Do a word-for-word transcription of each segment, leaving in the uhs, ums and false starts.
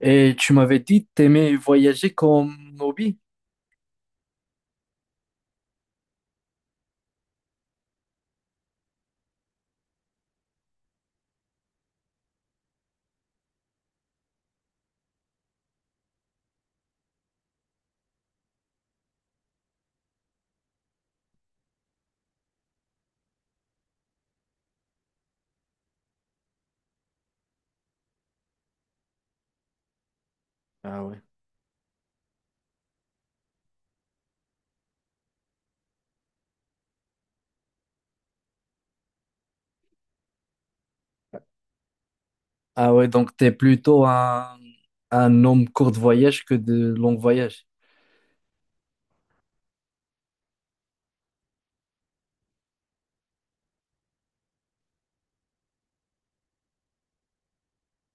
Et tu m'avais dit que t'aimais voyager comme hobby. Ah ouais. Ah ouais, donc t'es plutôt un, un homme court de voyage que de long voyage.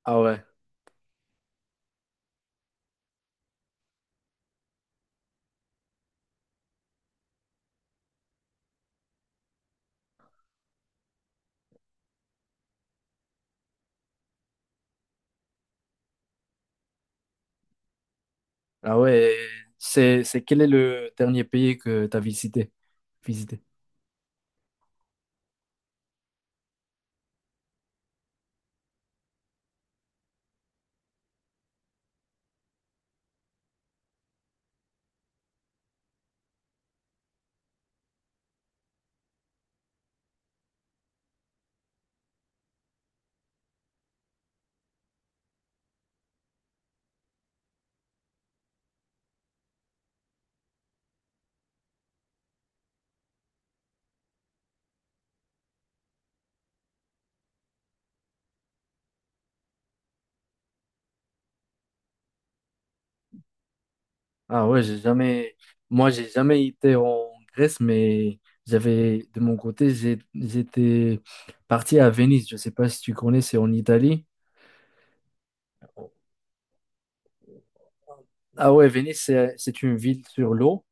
Ah ouais. Ah ouais. et C'est, c'est Quel est le dernier pays que t'as visité? Visité. Ah ouais, j'ai jamais, moi j'ai jamais été en Grèce, mais j'avais, de mon côté, j'ai- j'étais parti à Venise. Je sais pas si tu connais, c'est en Italie. Ah ouais, Venise, c'est c'est une ville sur l'eau.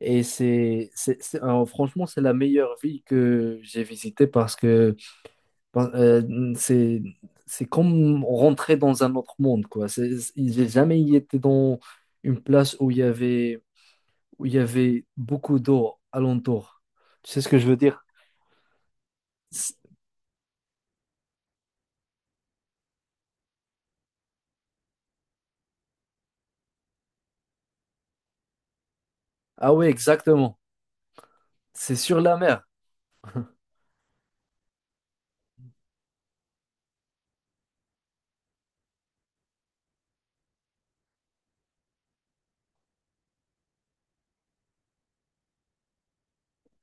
Et c'est, c'est, c'est- alors, franchement, c'est la meilleure ville que j'ai visitée, parce que par- euh, c'est, c'est comme rentrer dans un autre monde, quoi. C'est- J'ai jamais été dans une place où il y avait, où il y avait beaucoup d'eau alentour. Tu sais ce que je veux dire? C'est- Ah ouais, exactement. C'est sur la mer.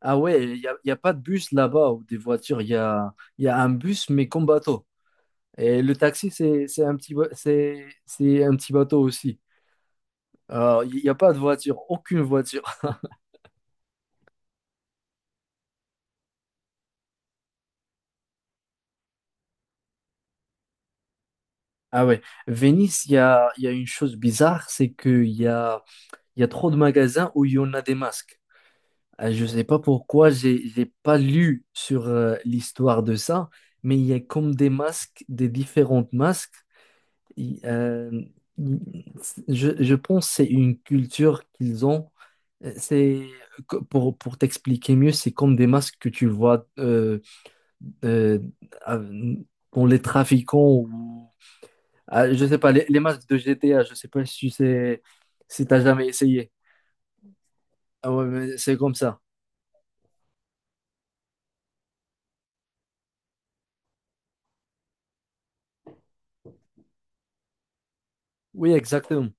Ah ouais, il n'y a, il y a pas de bus là-bas ou des voitures. Il y a, il y a un bus, mais comme bateau. Et le taxi, c'est c'est un petit, ba- c'est c'est un petit bateau aussi. Euh, Il n'y a pas de voiture, aucune voiture. Ah ouais, Venise, il y a, il y a une chose bizarre, c'est qu'il y a, il y a trop de magasins où il y en a des masques. Euh, Je ne sais pas pourquoi, j'ai, j'ai pas lu sur euh, l'histoire de ça, mais il y a comme des masques, des différentes masques. Il- euh, il- je, je pense que c'est une culture qu'ils ont. Euh, C'est, co- pour, pour t'expliquer mieux, c'est comme des masques que tu vois euh, euh, à- pour les trafiquants. Ah, je sais pas, les, les masques de G T A, je sais pas si c'est si t'as jamais essayé. Ah ouais, mais c'est comme ça. Oui, exactement.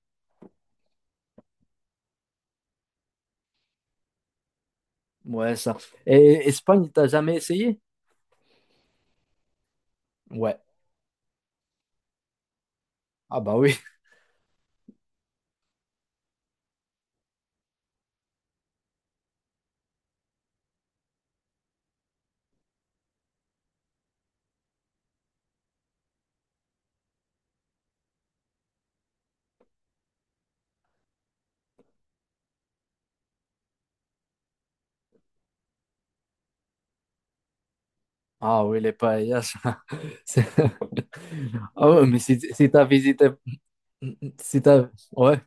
Ouais, ça. Et Espagne, t'as jamais essayé? Ouais. Ah bah oui. Ah oui, les paellas. C'est- Ah ouais, mais si, si t'as visité. Si t'as. Ouais,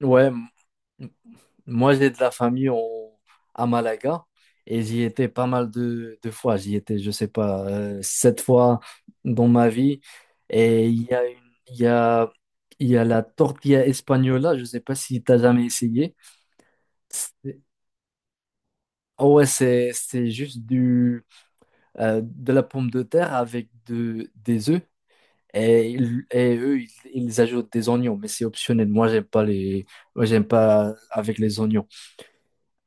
ouais. Moi, j'ai de la famille en- à Malaga, et j'y étais pas mal de, de fois. J'y étais, je sais pas, euh, sept fois dans ma vie. Et il y a une, il y a, il y a la tortilla espagnola. Je sais pas si t'as jamais essayé. C'est- Ah ouais, c'est, c'est juste du, euh, de la pomme de terre avec de, des œufs. Et, ils- et eux, ils, ils ajoutent des oignons, mais c'est optionnel. Moi, j'aime pas les, moi, j'aime pas avec les oignons.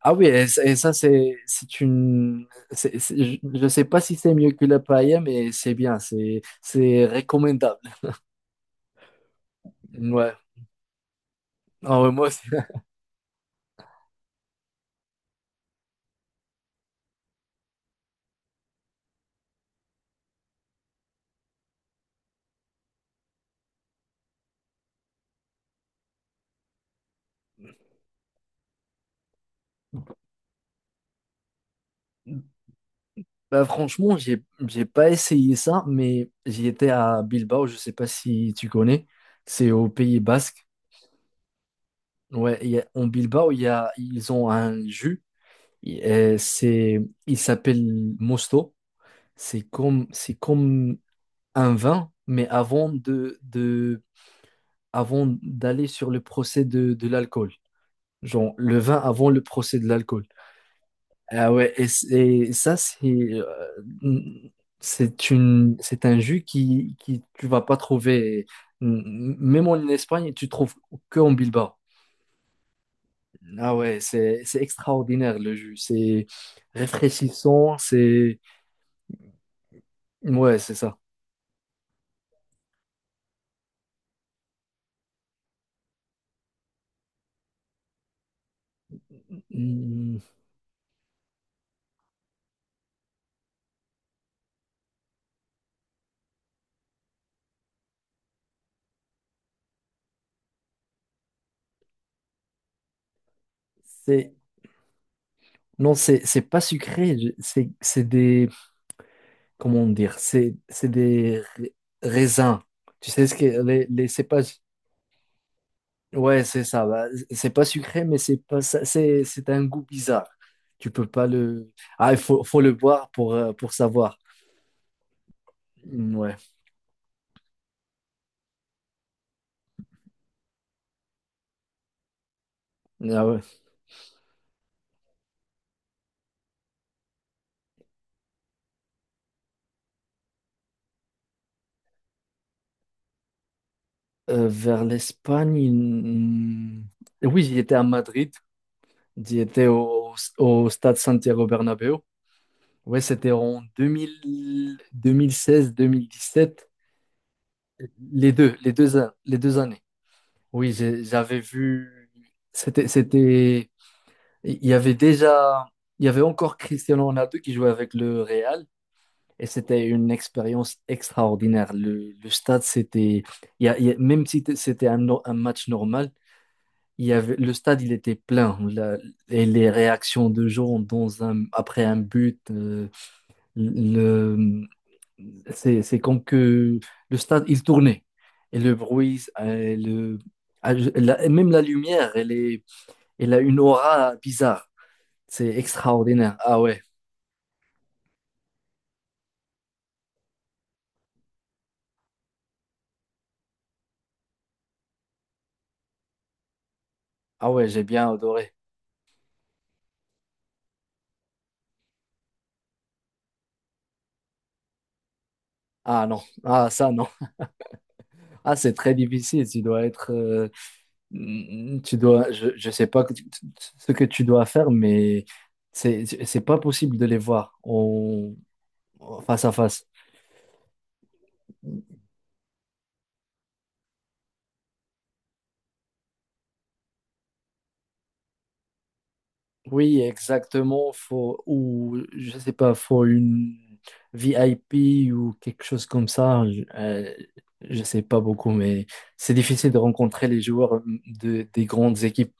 Ah oui, et, c- et ça, c'est c'est une. C'est- c'est- je ne sais pas si c'est mieux que la paella, mais c'est bien, c'est c'est recommandable. Ouais. Ah ouais, moi, aussi. Bah, franchement, j'ai j'ai pas essayé ça, mais j'y étais à Bilbao, je sais pas si tu connais, c'est au Pays Basque. Ouais, il y a- en Bilbao, il y a, ils ont un jus, il euh, c'est, il s'appelle Mosto. C'est comme, c'est comme un vin, mais avant de avant d'aller sur le procès de, de l'alcool. Genre, le vin avant le procès de l'alcool. Ah ouais, et, c- et ça, c'est euh, c'est une, c'est un jus qui, qui tu vas pas trouver, m- même en Espagne, tu trouves que en Bilbao. Ah ouais, c'est c'est extraordinaire, le jus. C'est rafraîchissant, c'est ouais, c'est ça. Mm, C'est non, c'est c'est pas sucré. je- C'est c'est des, comment dire, c'est c'est des ra- raisins. Tu sais ce que les, les c'est pas, ouais, c'est ça. Bah, c'est pas sucré, mais c'est pas ça- c'est c'est un goût bizarre. Tu peux pas le. Ah, il faut faut le boire pour euh, pour savoir. Mm, ouais. Ah ouais. Euh, vers l'Espagne, mm, oui, j'y étais à Madrid, j'y étais au, au stade Santiago Bernabéu. Ouais, c'était en deux deux deux mille mille seize mille dix sept. Les deux, les deux, an- les deux années. Oui, j'ai- j'avais vu. C'était, c'était. Il y avait déjà. Il y avait encore Cristiano Ronaldo qui jouait avec le Real, et c'était une expérience extraordinaire. Le, le stade, c'était. il y a- il y a- Même si t- c'était un, no- un match normal, il y avait, le stade, il était plein. La- et les réactions de gens dans un, après un but, euh, le, c'est, c'est comme que le stade, il tournait. Et le bruit, euh, le, ah, je- la- même la lumière, elle est, il a une aura bizarre. C'est extraordinaire. Ah ouais. Ah ouais, j'ai bien adoré. Ah non. Ah ça non. Ah, c'est très difficile. Tu dois être. Euh, mm, tu dois. Je, je sais pas que tu- tu- ce que tu dois faire, mais c'est c'est pas possible de les voir en- en face à face. Oui, exactement. Faut, ou, je sais pas, faut une V I P ou quelque chose comme ça. Je, euh, je sais pas beaucoup, mais c'est difficile de rencontrer les joueurs de, des grandes équipes.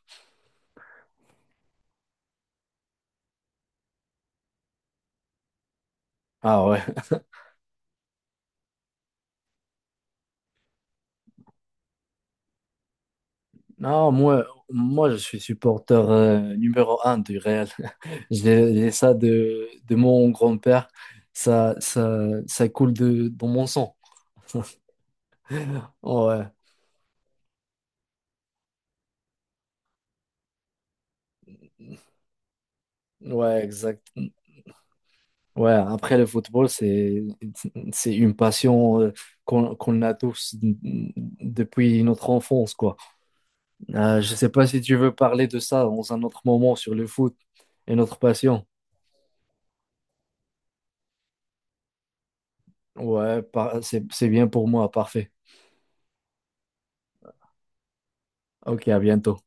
Ah ouais. Non, moi, moi, je suis supporter euh, numéro un du Real. J'ai j'ai ça de, de mon grand-père. Ça, ça, ça coule de, dans mon sang. Ouais, ouais, exact. Ouais, après le football, c'est c'est une passion, euh, qu'on qu'on a tous, n- n- depuis notre enfance, quoi. Euh, je sais pas si tu veux parler de ça dans un autre moment, sur le foot et notre passion. Ouais, par- c'est c'est bien pour moi, parfait. Ok, à bientôt.